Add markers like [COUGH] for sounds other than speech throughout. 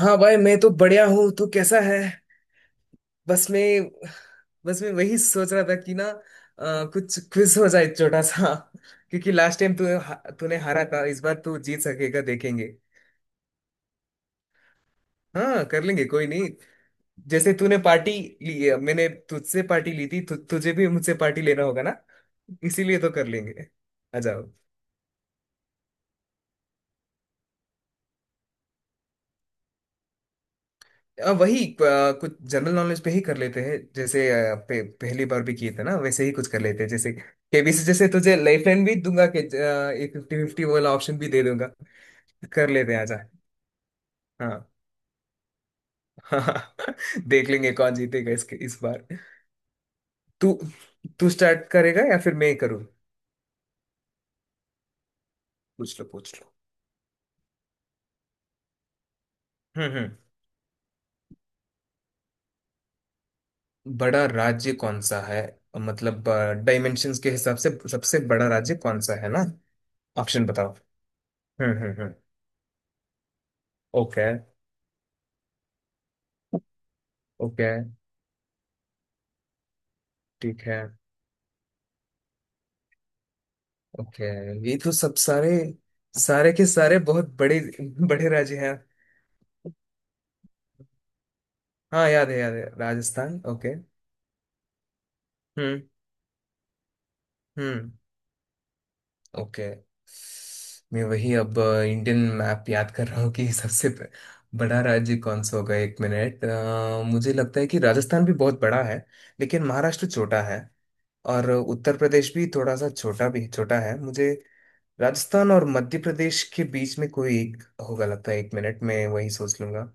हाँ भाई, मैं तो बढ़िया हूँ। तू कैसा है? बस मैं बस मैं वही सोच रहा था कि ना, कुछ क्विज हो जाए छोटा सा। [LAUGHS] क्योंकि लास्ट टाइम तू तूने हारा था, इस बार तू जीत सकेगा, देखेंगे। हाँ, कर लेंगे, कोई नहीं। जैसे तूने पार्टी ली है, मैंने तुझसे पार्टी ली थी। तुझे भी मुझसे पार्टी लेना होगा ना। इसीलिए तो कर लेंगे। आ जाओ। वही, कुछ जनरल नॉलेज पे ही कर लेते हैं। जैसे पे, पहली बार भी किए थे ना, वैसे ही कुछ कर लेते हैं। जैसे केबीसी, जैसे तुझे लाइफ लाइन भी दूंगा कि ये फिफ्टी फिफ्टी वाला ऑप्शन भी दे दूंगा। कर लेते हैं, आजा। हाँ हाँ। [LAUGHS] देख लेंगे कौन जीतेगा इसके इस बार। तू तू स्टार्ट करेगा या फिर मैं ही करूँ? पूछ लो, पूछ लो। हम्म, हम्म। बड़ा राज्य कौन सा है? मतलब, डायमेंशंस के हिसाब से सबसे बड़ा राज्य कौन सा है ना? ऑप्शन बताओ। हम्म, हम्म, हम्म। ओके। ओके, ठीक है। ओके। ये तो सब सारे, सारे के सारे बहुत बड़े [LAUGHS] बड़े राज्य हैं। हाँ, याद है, याद है, राजस्थान, ओके। हम्म, हम्म। ओके। मैं वही अब इंडियन मैप याद कर रहा हूँ कि सबसे बड़ा राज्य कौन सा होगा। एक मिनट, मुझे लगता है कि राजस्थान भी बहुत बड़ा है, लेकिन महाराष्ट्र छोटा है। और उत्तर प्रदेश भी थोड़ा सा छोटा, भी छोटा है मुझे। राजस्थान और मध्य प्रदेश के बीच में कोई एक होगा, लगता है। एक मिनट में वही सोच लूंगा।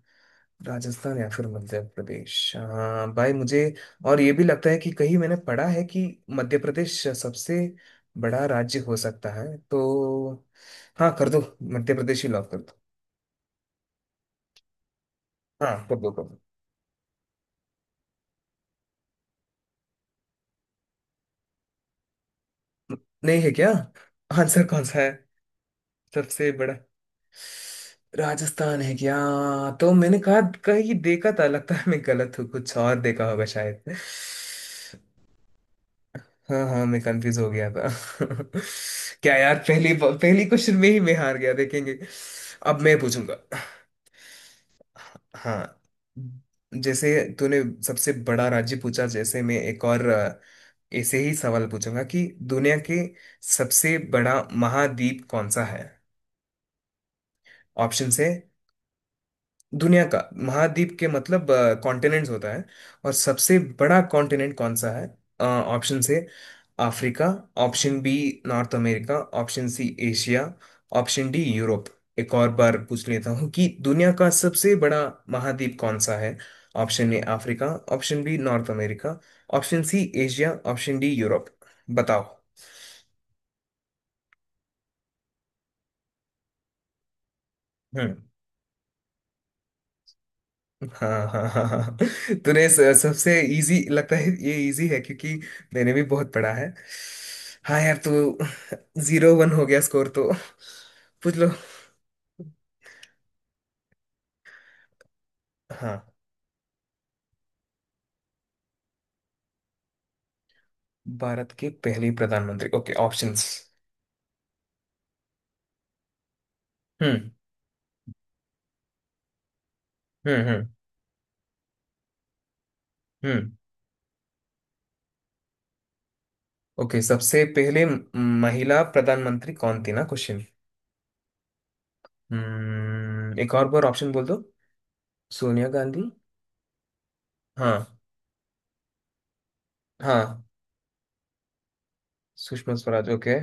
राजस्थान या फिर मध्य प्रदेश? हाँ भाई, मुझे और ये भी लगता है कि कहीं मैंने पढ़ा है कि मध्य प्रदेश सबसे बड़ा राज्य हो सकता है, तो हाँ, कर दो। मध्य प्रदेश ही लॉक कर दो। हाँ, कर दो, कर दो। नहीं है क्या? आंसर कौन सा है? सबसे बड़ा राजस्थान है क्या? तो मैंने कहा कहीं देखा था, लगता है मैं गलत हूँ, कुछ और देखा होगा शायद। हाँ हाँ, मैं कंफ्यूज हो गया था। [LAUGHS] क्या यार, पहली पहली क्वेश्चन में ही मैं हार गया, देखेंगे। अब मैं पूछूंगा। हाँ। जैसे तूने सबसे बड़ा राज्य पूछा, जैसे मैं एक और, ऐसे ही सवाल पूछूंगा कि दुनिया के सबसे बड़ा महाद्वीप कौन सा है? ऑप्शन है। दुनिया का महाद्वीप के मतलब कॉन्टिनेंट्स होता है, और सबसे बड़ा कॉन्टिनेंट कौन सा है? ऑप्शन से Africa. Option B North America. Option C Asia. Option D Europe. एक और बार पूछ लेता हूँ कि दुनिया का सबसे बड़ा महाद्वीप कौन सा है? Option A Africa. Option B North America. Option C Asia. Option D Europe. बताओ। हम्म। हाँ हाँ हाँ हाँ। तूने सबसे, इजी लगता है ये, इजी है, क्योंकि मैंने भी बहुत पढ़ा है। हाँ यार, तू जीरो वन हो गया स्कोर तो। पूछ लो। हाँ, भारत के पहले प्रधानमंत्री, ओके, ऑप्शंस। हम्म, हम्म, हम्म, हम्म। ओके, सबसे पहले महिला प्रधानमंत्री कौन थी ना, क्वेश्चन। हम्म, एक और बार ऑप्शन बोल दो। सोनिया गांधी। हाँ। हाँ। सुषमा स्वराज, ओके।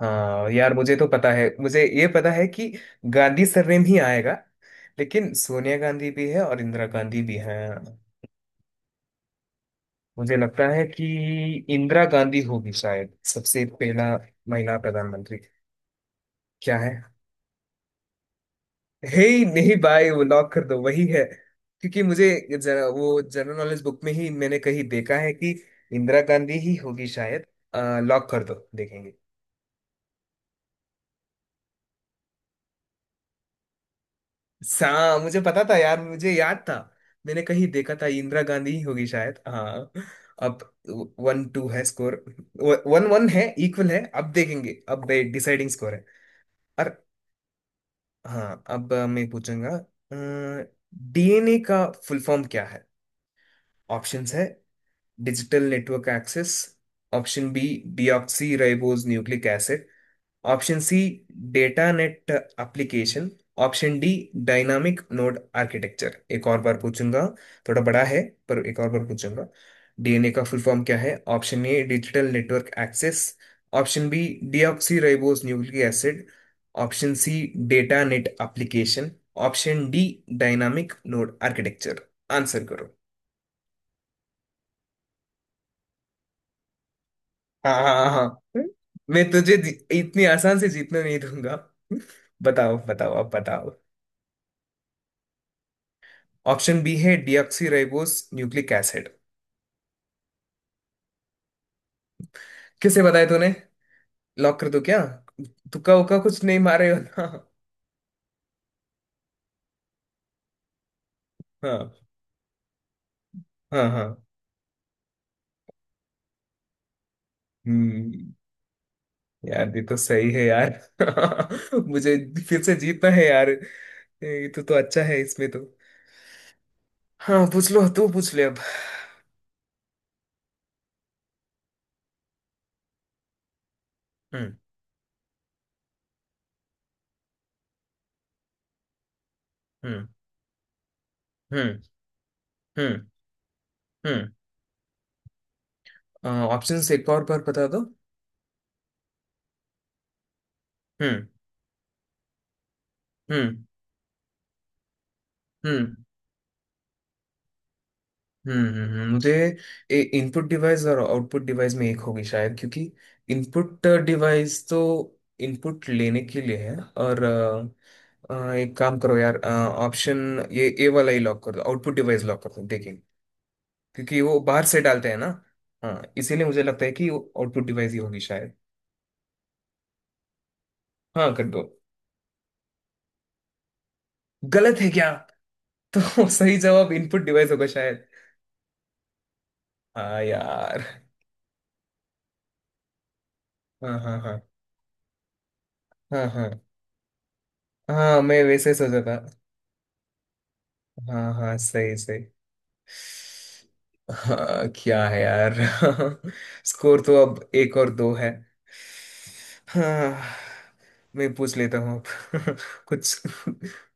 हाँ यार, मुझे तो पता है, मुझे ये पता है कि गांधी सरनेम ही आएगा। लेकिन सोनिया गांधी भी है और इंदिरा गांधी भी है। मुझे लगता है कि इंदिरा गांधी होगी शायद सबसे पहला महिला प्रधानमंत्री। क्या है? हे, नहीं भाई, वो लॉक कर दो, वही है। क्योंकि मुझे जरा वो जनरल नॉलेज बुक में ही मैंने कहीं देखा है कि इंदिरा गांधी ही होगी शायद। लॉक कर दो, देखेंगे। सा मुझे पता था यार, मुझे याद था। मैंने कहीं देखा था इंदिरा गांधी ही होगी शायद। हाँ। अब वन टू है स्कोर। वन वन है, इक्वल है। अब देखेंगे, अब डिसाइडिंग स्कोर है। और हाँ, अब मैं पूछूंगा। डीएनए का फुल फॉर्म क्या है? ऑप्शंस है digital network access. Option B deoxyribose nucleic. Option C data net application. Option D dynamic node architecture. एक और बार पूछूंगा, थोड़ा बड़ा है पर। एक और बार पूछूंगा। डीएनए का फुल फॉर्म क्या है? ऑप्शन ए digital network access. Option B deoxyribose nucleic acid. Option C data net application. Option D dynamic node architecture. Answer करो। हाँ हाँ हाँ हाँ। मैं तुझे इतनी आसान से जीतने नहीं दूंगा। बताओ, बताओ, अब बताओ। ऑप्शन बी है डीऑक्सीराइबोस न्यूक्लिक एसिड। किसे बताया तूने? लॉक कर दूं क्या? तुक्का उक्का कुछ नहीं मारे हो ना? हाँ हाँ हाँ। हम्म, यार ये तो सही है यार। [LAUGHS] मुझे फिर से जीतना है यार। ये तो अच्छा है इसमें तो। हाँ, पूछ लो, तू पूछ ले अब। हम्म, हम्म, हम्म, हम्म, हम्म। ऑप्शंस एक और बार बता दो। हम्म, हम्म, हम्म, हम्म, हम्म। मुझे इनपुट डिवाइस और आउटपुट डिवाइस में एक होगी शायद, क्योंकि इनपुट डिवाइस तो इनपुट लेने के लिए है। और एक काम करो यार, ऑप्शन ये ए वाला ही लॉक कर दो, आउटपुट डिवाइस लॉक कर दो, देखें। क्योंकि वो बाहर से डालते हैं ना। हाँ, इसीलिए मुझे लगता है कि आउटपुट डिवाइस ही होगी शायद। हाँ, कर दो। गलत है क्या? तो [LAUGHS] सही जवाब इनपुट डिवाइस होगा शायद। हाँ यार। हाँ हाँ हाँ, हाँ हाँ हाँ, मैं वैसे सोचा था। हाँ हाँ, सही सही। हाँ, क्या है यार। [LAUGHS] स्कोर तो अब एक और दो है। हाँ, मैं पूछ लेता हूँ अब। [LAUGHS] कुछ,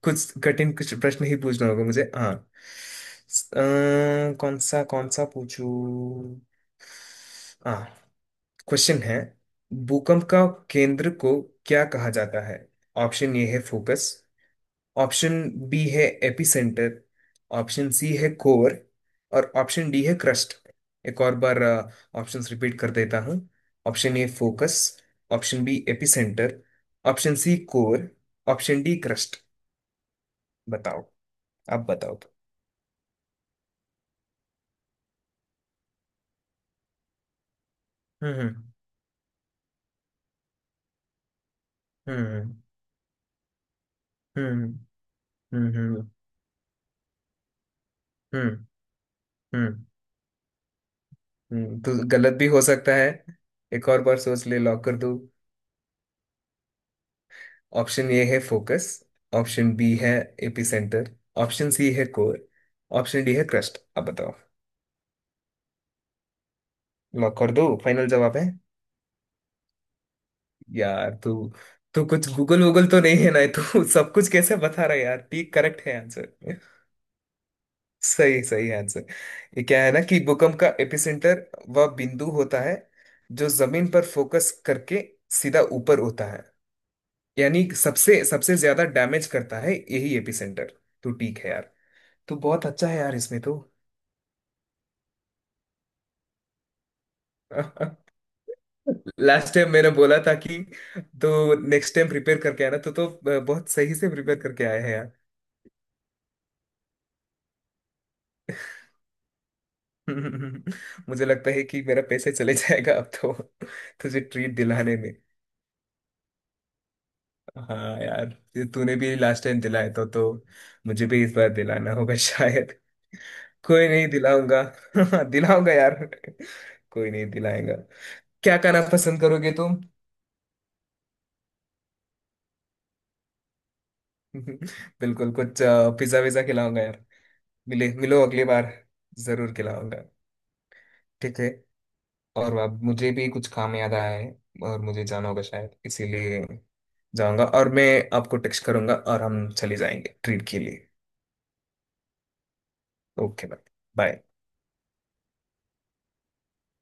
कुछ कठिन कुछ प्रश्न ही पूछना होगा मुझे। हाँ, कौन सा, कौन सा पूछूं? हाँ, क्वेश्चन है। भूकंप का केंद्र को क्या कहा जाता है? ऑप्शन ए है फोकस। ऑप्शन बी है एपिसेंटर। ऑप्शन सी है कोर। और ऑप्शन डी है क्रस्ट। एक और बार ऑप्शंस रिपीट कर देता हूँ। Option A focus. Option B epicentre. Option C core. Option D crust. बताओ। आप बताओ। हम्म, हम्म, हम्म, हम्म, हम्म, हम्म, हम्म, हम्म, हम्म। तो गलत भी हो सकता है, एक और बार सोच ले, लॉक कर दो। ऑप्शन ए है फोकस। ऑप्शन बी है एपिसेंटर। ऑप्शन सी है कोर। ऑप्शन डी है क्रस्ट। अब बताओ। लॉक कर दो, फाइनल जवाब है। यार, तू तू कुछ गूगल वूगल तो नहीं है ना, तू सब कुछ कैसे बता रहा है यार? ठीक, करेक्ट है आंसर, सही सही आंसर। ये क्या है ना कि भूकंप का एपिसेंटर वह बिंदु होता है जो जमीन पर फोकस करके सीधा ऊपर होता है, यानी सबसे सबसे ज्यादा डैमेज करता है यही एपिसेंटर। तो ठीक है यार, तू बहुत अच्छा है यार इसमें तो। [LAUGHS] लास्ट टाइम मैंने बोला था कि तो नेक्स्ट टाइम प्रिपेयर करके आना, तो बहुत सही से प्रिपेयर करके आए हैं यार। [LAUGHS] मुझे लगता है कि मेरा पैसे चले जाएगा अब तो। [LAUGHS] तुझे ट्रीट दिलाने में। हाँ यार, ये तूने भी लास्ट टाइम दिलाया था, तो मुझे भी इस बार दिलाना होगा [LAUGHS] शायद। कोई नहीं, दिलाऊंगा। [LAUGHS] दिलाऊंगा यार, कोई नहीं दिलाएगा। क्या खाना पसंद करोगे तुम? [LAUGHS] बिल्कुल, कुछ पिज्जा विज्जा खिलाऊंगा। मिले मिलो अगली बार, जरूर खिलाऊंगा। ठीक है। और अब मुझे भी कुछ काम याद आया है, और मुझे जाना होगा शायद, इसीलिए जाऊंगा। और मैं आपको टेक्स्ट करूंगा, और हम चले जाएंगे ट्रीट के लिए। Okay, bye. बाय।